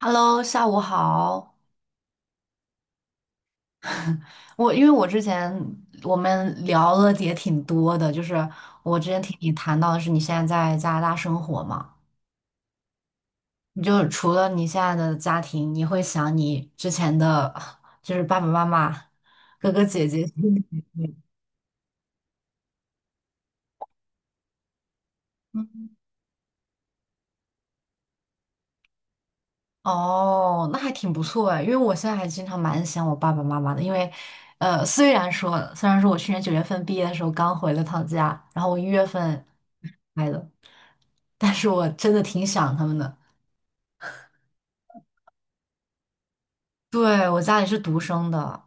Hello，下午好。我因为我之前我们聊了也挺多的，就是我之前听你谈到的是你现在在加拿大生活嘛，你就除了你现在的家庭，你会想你之前的，就是爸爸妈妈、哥哥姐姐。哦，那还挺不错哎，因为我现在还经常蛮想我爸爸妈妈的，因为，虽然说我去年9月份毕业的时候刚回了趟家，然后我1月份来的，但是我真的挺想他们的。对，我家里是独生的，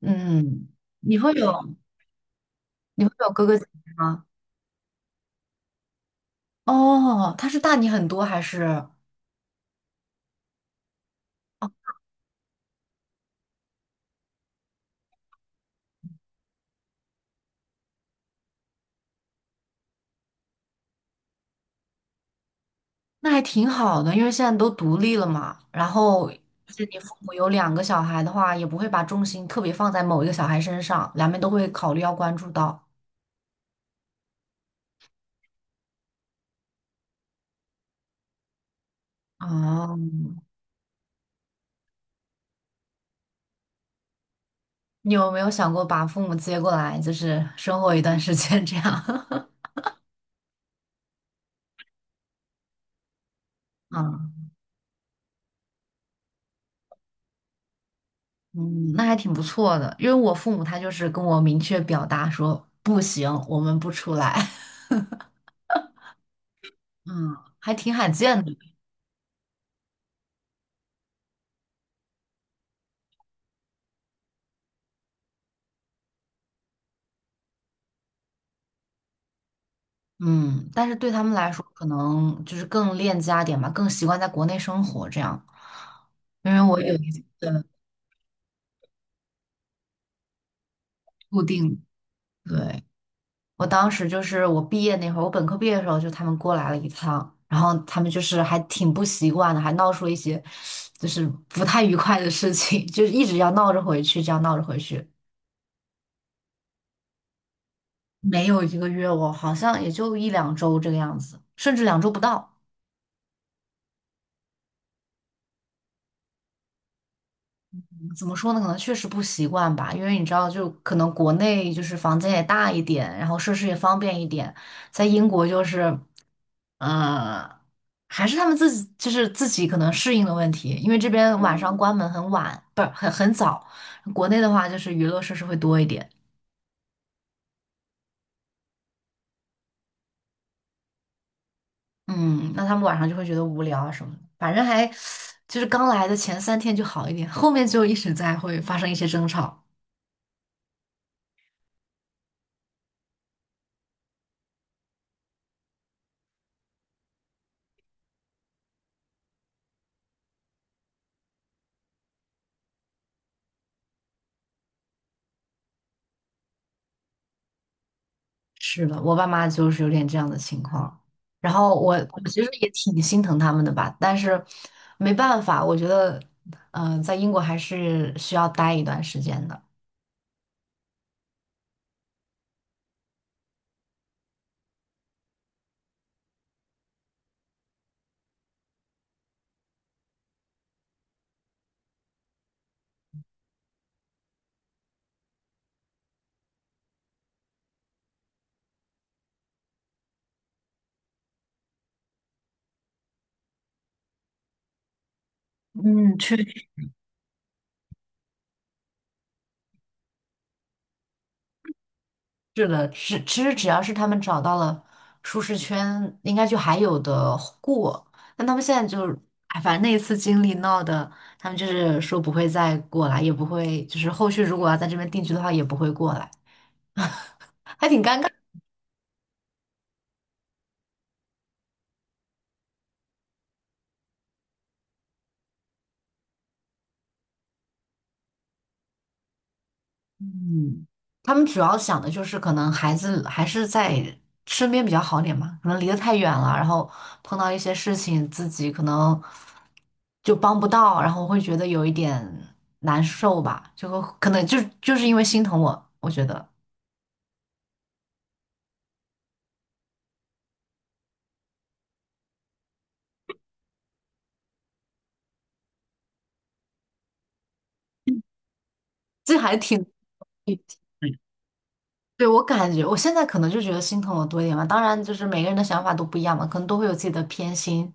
嗯，你会有你会有哥哥姐姐吗？哦，他是大你很多还是？那还挺好的，因为现在都独立了嘛。然后，而且你父母有2个小孩的话，也不会把重心特别放在某一个小孩身上，两边都会考虑要关注到。哦，你有没有想过把父母接过来，就是生活一段时间这样？啊，嗯，那还挺不错的。因为我父母他就是跟我明确表达说不行，我们不出来。嗯，还挺罕见的。嗯，但是对他们来说，可能就是更恋家点吧，更习惯在国内生活这样。因为我有一次的固定，对，我当时就是我毕业那会儿，我本科毕业的时候，就他们过来了一趟，然后他们就是还挺不习惯的，还闹出了一些就是不太愉快的事情，就是一直要闹着回去，这样闹着回去，没有1个月，我好像也就1、2周这个样子，甚至两周不到。怎么说呢？可能确实不习惯吧，因为你知道，就可能国内就是房间也大一点，然后设施也方便一点，在英国就是，呃，还是他们自己就是自己可能适应的问题，因为这边晚上嗯关门很晚，不是很早，国内的话就是娱乐设施会多一点，嗯，那他们晚上就会觉得无聊啊什么的，反正还就是刚来的前3天就好一点，后面就一直在会发生一些争吵。是的，我爸妈就是有点这样的情况，然后我其实也挺心疼他们的吧，但是没办法，我觉得，嗯、在英国还是需要待一段时间的。嗯，确实。是的，其实只要是他们找到了舒适圈，应该就还有的过。但他们现在就是，哎，反正那一次经历闹的，他们就是说不会再过来，也不会，就是后续如果要在这边定居的话，也不会过来，还挺尴尬。嗯，他们主要想的就是可能孩子还是在身边比较好点嘛，可能离得太远了，然后碰到一些事情自己可能就帮不到，然后会觉得有一点难受吧，就会可能就是因为心疼我，我觉得这还挺。对，我感觉，我现在可能就觉得心疼我多一点吧。当然，就是每个人的想法都不一样嘛，可能都会有自己的偏心。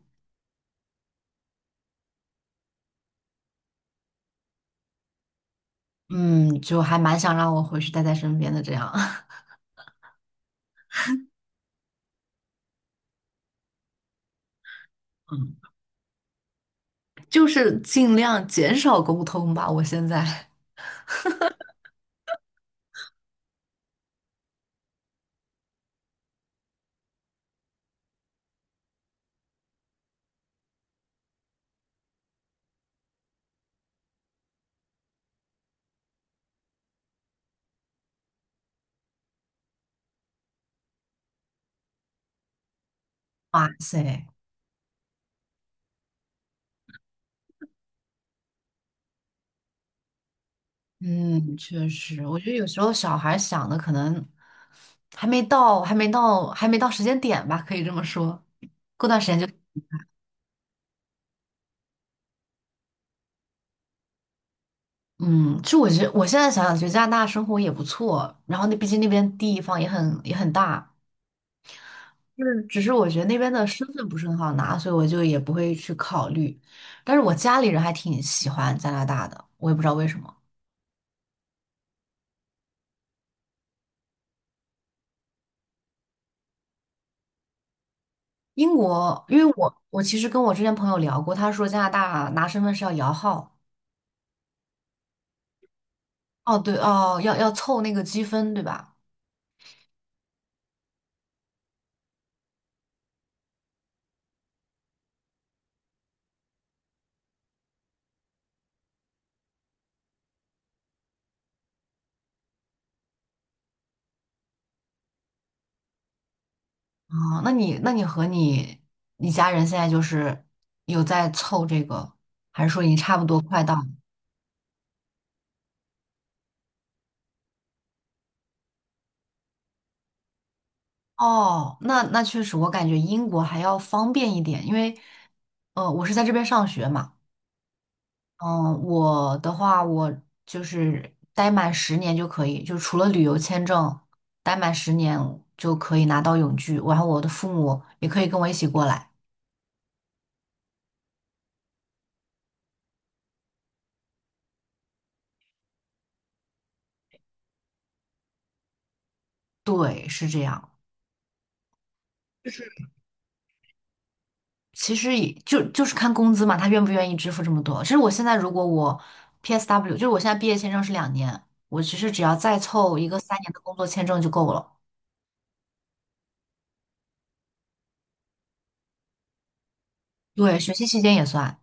嗯，就还蛮想让我回去待在身边的这样。就是尽量减少沟通吧。我现在，哇塞，嗯，确实，我觉得有时候小孩想的可能还没到，还没到，还没到时间点吧，可以这么说。过段时间就，嗯，其实我觉得我现在想想，觉得加拿大生活也不错，然后那毕竟那边地方也很也很大，就是只是我觉得那边的身份不是很好拿，所以我就也不会去考虑。但是我家里人还挺喜欢加拿大的，我也不知道为什么。英国，因为我其实跟我之前朋友聊过，他说加拿大拿身份是要摇号，哦对哦，要凑那个积分对吧？哦，那你和你家人现在就是有在凑这个，还是说你差不多快到了。哦，那那确实，我感觉英国还要方便一点，因为呃我是在这边上学嘛。嗯，我的话，我就是待满十年就可以，就除了旅游签证，待满十年就可以拿到永居，然后我的父母也可以跟我一起过来。对，是这样。就是其实就是看工资嘛，他愿不愿意支付这么多。其实我现在如果我 PSW，就是我现在毕业签证是2年，我其实只要再凑一个3年的工作签证就够了。对，学习期间也算，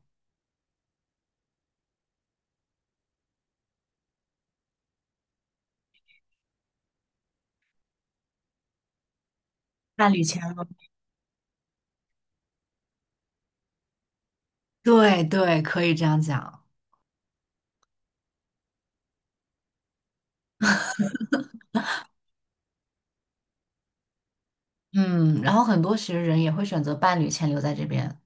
伴侣签了。对对，可以这样讲。嗯，然后很多其实人也会选择伴侣签留在这边。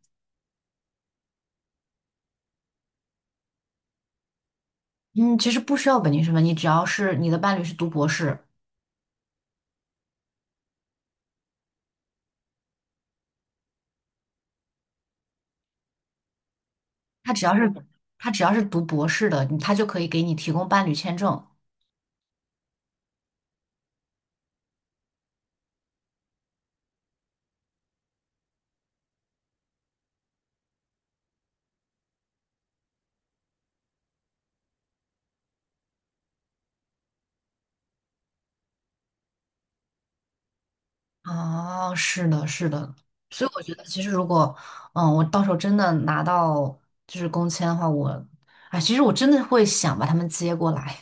嗯，其实不需要本地身份，你只要是你的伴侣是读博士，他只要是他只要是读博士的，他就可以给你提供伴侣签证。哦，是的，是的。所以我觉得，其实如果嗯，我到时候真的拿到就是工签的话，我哎，其实我真的会想把他们接过来，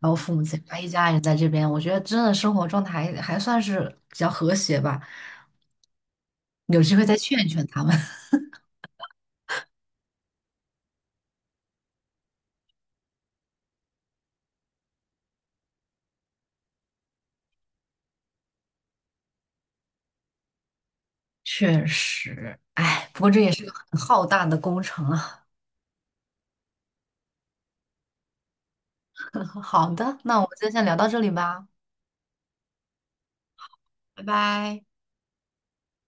然后父母接过来一家人在这边，我觉得真的生活状态还算是比较和谐吧。有机会再劝一劝他们。确实，哎，不过这也是个很浩大的工程啊。好的，那我们就先聊到这里吧，拜拜。